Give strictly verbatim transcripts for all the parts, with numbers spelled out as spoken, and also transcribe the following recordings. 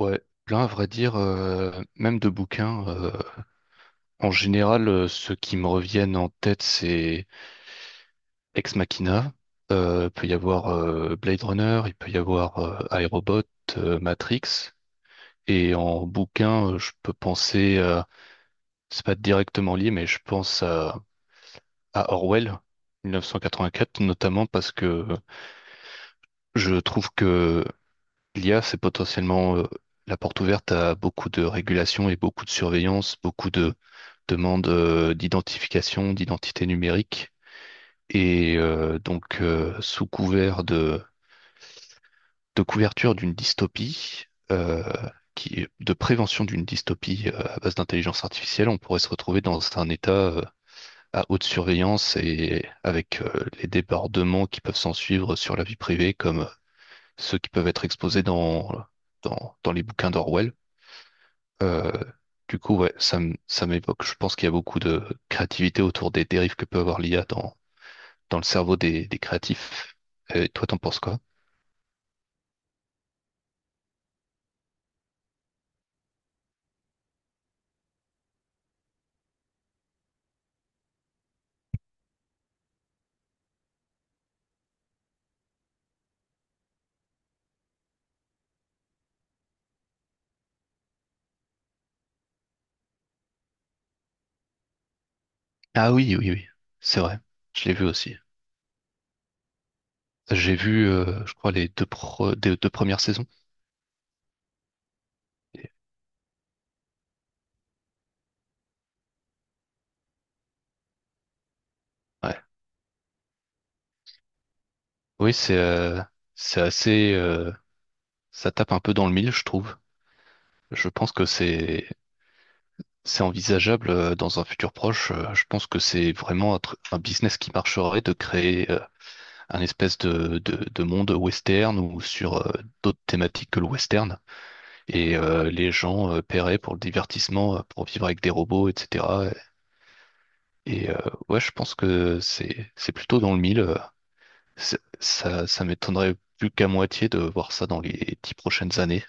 Ouais, plein à vrai dire, euh, même de bouquins, euh, en général, euh, ceux qui me reviennent en tête, c'est Ex Machina. Euh, il peut y avoir euh, Blade Runner, il peut y avoir euh, iRobot, euh, Matrix. Et en bouquin, euh, je peux penser, euh, c'est pas directement lié, mais je pense à, à Orwell, mille neuf cent quatre-vingt-quatre, notamment parce que je trouve que l'I A, c'est potentiellement euh, la porte ouverte à beaucoup de régulation et beaucoup de surveillance, beaucoup de demande euh, d'identification, d'identité numérique. Et euh, donc, euh, sous couvert de, de couverture d'une dystopie, euh, qui, de prévention d'une dystopie euh, à base d'intelligence artificielle, on pourrait se retrouver dans un état euh, à haute surveillance et avec euh, les débordements qui peuvent s'en suivre sur la vie privée, comme ceux qui peuvent être exposés dans, dans, dans les bouquins d'Orwell. Euh, du coup, ouais, ça m- ça m'évoque. Je pense qu'il y a beaucoup de créativité autour des dérives que peut avoir l'I A dans le cerveau des, des créatifs. Et toi, t'en penses quoi? Ah oui, oui, oui, c'est vrai. Je l'ai vu aussi. J'ai vu, euh, je crois, les deux, pro- des deux premières saisons. Et- Ouais. Oui, c'est euh, c'est assez. Euh, ça tape un peu dans le mille, je trouve. Je pense que c'est c'est envisageable euh, dans un futur proche. Euh, je pense que c'est vraiment un, tru- un business qui marcherait de créer euh, un espèce de, de, de monde western ou sur euh, d'autres thématiques que le western. Et euh, les gens euh, paieraient pour le divertissement, euh, pour vivre avec des robots, et cetera. Et euh, ouais, je pense que c'est c'est plutôt dans le mille. euh, c'est- Ça, ça m'étonnerait plus qu'à moitié de voir ça dans les dix prochaines années.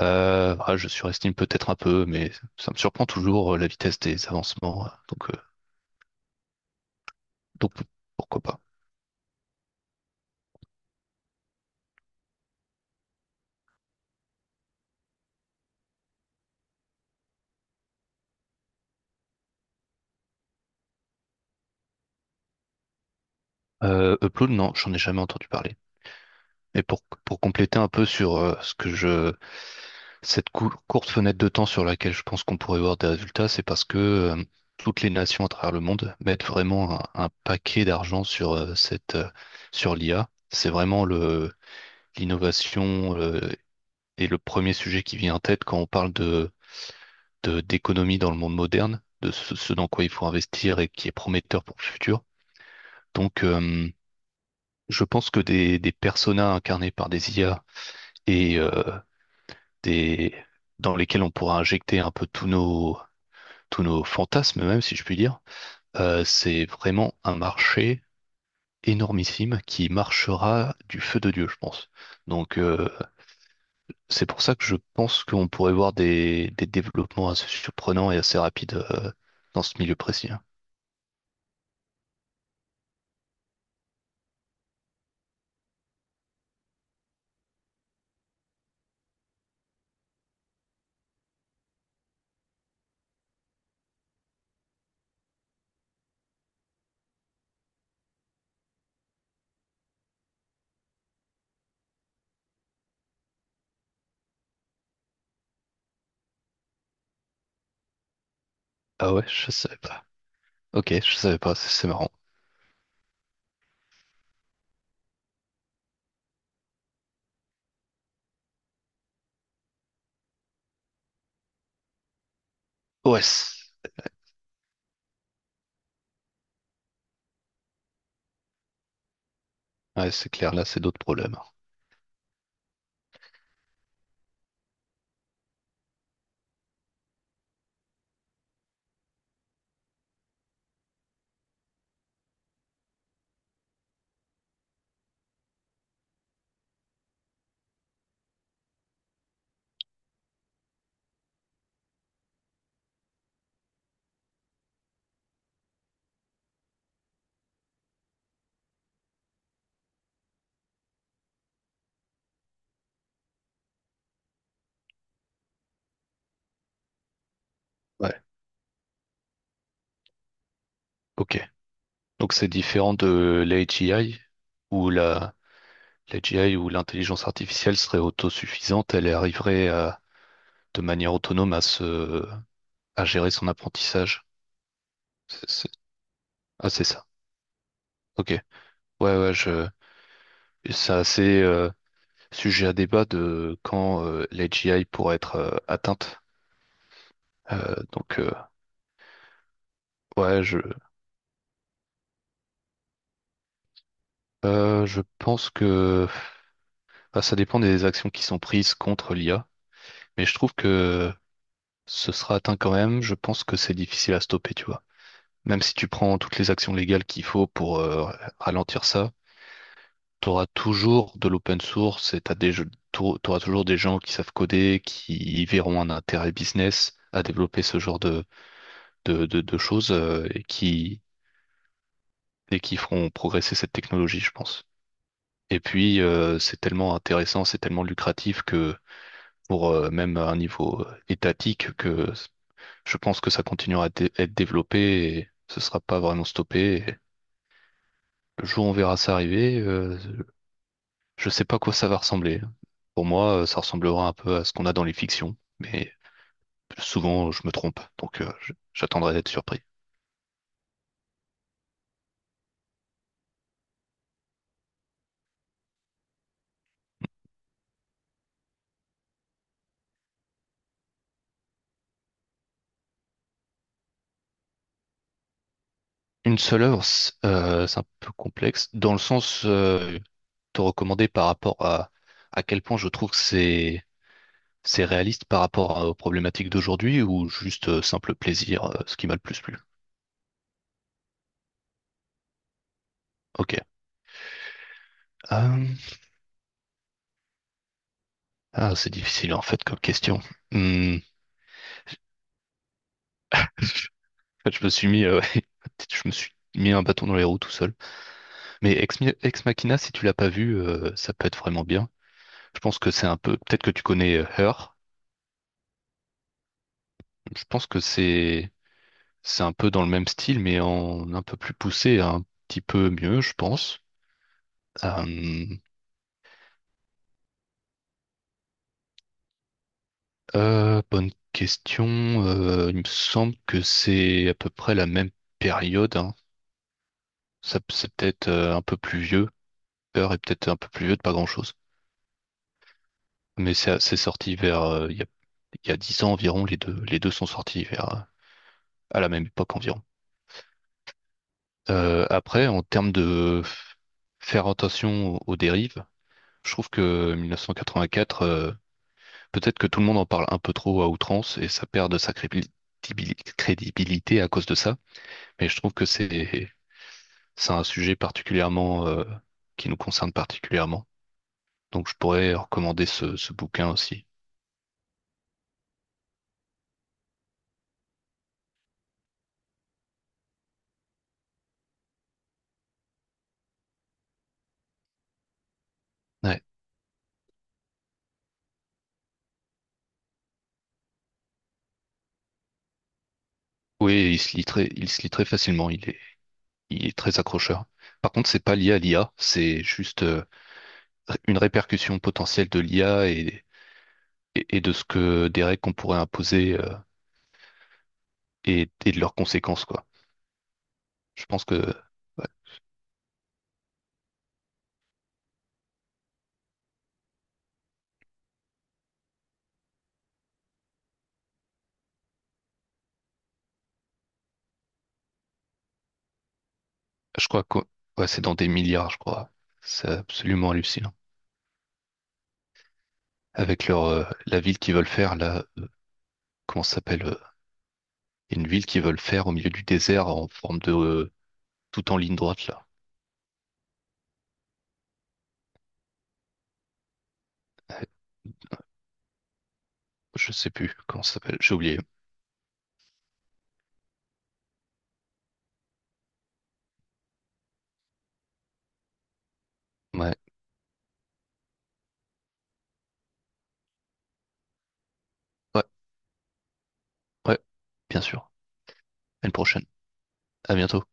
Euh, ah, je surestime peut-être un peu, mais ça me surprend toujours euh, la vitesse des avancements. euh, Donc, euh, donc pourquoi pas. Euh, Upload, non, j'en ai jamais entendu parler. Et pour, pour compléter un peu sur euh, ce que je cette cou- courte fenêtre de temps sur laquelle je pense qu'on pourrait voir des résultats, c'est parce que euh, toutes les nations à travers le monde mettent vraiment un, un paquet d'argent sur euh, cette euh, sur l'I A. C'est vraiment le l'innovation euh, et le premier sujet qui vient en tête quand on parle de de- d'économie dans le monde moderne, de ce, ce dans quoi il faut investir et qui est prometteur pour le futur. Donc, euh, je pense que des des personas incarnés par des I A et euh, des dans lesquels on pourra injecter un peu tous nos tous nos fantasmes même, si je puis dire. Euh, c'est vraiment un marché énormissime qui marchera du feu de Dieu, je pense. Donc euh, c'est pour ça que je pense qu'on pourrait voir des, des développements assez surprenants et assez rapides euh, dans ce milieu précis, hein. Ah ouais, je savais pas. Ok, je savais pas, c'est c'est marrant. O S. Ouais, c'est clair, là, c'est d'autres problèmes. Ouais. Ok. Donc c'est différent de l'A G I où la l'A G I où l'intelligence artificielle serait autosuffisante, elle arriverait à, de manière autonome à se à gérer son apprentissage. C'est- c'est- Ah, c'est ça. Ok. Ouais, ouais, je c'est assez euh, sujet à débat de quand euh, l'A G I pourrait être euh, atteinte. Euh, donc euh, ouais, je euh, je pense que enfin, ça dépend des actions qui sont prises contre l'I A, mais je trouve que ce sera atteint quand même. Je pense que c'est difficile à stopper, tu vois. Même si tu prends toutes les actions légales qu'il faut pour euh, ralentir ça, tu auras toujours de l'open source et t'as des jeux, t'au- t'auras toujours des gens qui savent coder, qui y verront un intérêt business à développer ce genre de, de, de, de choses euh, et qui, et qui feront progresser cette technologie, je pense. Et puis, euh, c'est tellement intéressant, c'est tellement lucratif que pour euh, même à un niveau euh, étatique que je pense que ça continuera à dé- être développé et ce sera pas vraiment stoppé. Et le jour où on verra ça arriver, euh, je sais pas à quoi ça va ressembler. Pour moi, euh, ça ressemblera un peu à ce qu'on a dans les fictions, mais souvent je me trompe, donc euh, je- j'attendrai d'être surpris. Une seule œuvre, c- euh, c'est un peu complexe, dans le sens euh, te recommander par rapport à à quel point je trouve que c'est... C'est réaliste par rapport à- aux problématiques d'aujourd'hui ou juste euh, simple plaisir, euh, ce qui m'a le plus plu? Ok. Euh, Ah, c'est difficile en fait comme question. Hmm. En fait, je me suis mis, euh, je me suis mis un bâton dans les roues tout seul. Mais Ex, Mi- Ex Machina, si tu l'as pas vu, euh, ça peut être vraiment bien. Je pense que c'est un peu, peut-être que tu connais euh, Her. Je pense que c'est, c'est un peu dans le même style, mais en un peu plus poussé, un petit peu mieux, je pense. Euh, Euh, bonne question. Euh, il me semble que c'est à peu près la même période, hein. Ça, c'est peut-être euh, un peu plus vieux. Peur est peut-être un peu plus vieux de pas grand-chose. Mais c'est c'est sorti vers euh, il y a, il y a dix ans environ. Les deux, les deux sont sortis vers euh, à la même époque environ. Euh, après, en termes de f- faire attention aux, aux dérives, je trouve que mille neuf cent quatre-vingt-quatre, euh, peut-être que tout le monde en parle un peu trop à outrance et ça perd de sa crédibil- crédibilité à cause de ça. Mais je trouve que c'est C'est un sujet particulièrement euh, qui nous concerne particulièrement. Donc je pourrais recommander ce, ce bouquin aussi. Ouais. Oui, il se lit très, il se lit très facilement. Il est, il est très accrocheur. Par contre, c'est pas lié à l'I A, c'est juste euh, une répercussion potentielle de l'I A et, et, et de ce que des règles qu'on pourrait imposer euh, et, et de leurs conséquences, quoi. Je pense que, ouais, je crois que ouais, c'est dans des milliards, je crois. C'est absolument hallucinant. Avec leur euh, la ville qu'ils veulent faire, là, comment ça s'appelle? euh, Il y a une ville qu'ils veulent faire au milieu du désert en forme de euh, tout en ligne droite là. Je sais plus comment ça s'appelle, j'ai oublié. Ouais, ouais, ouais, bien sûr. À une prochaine. À bientôt.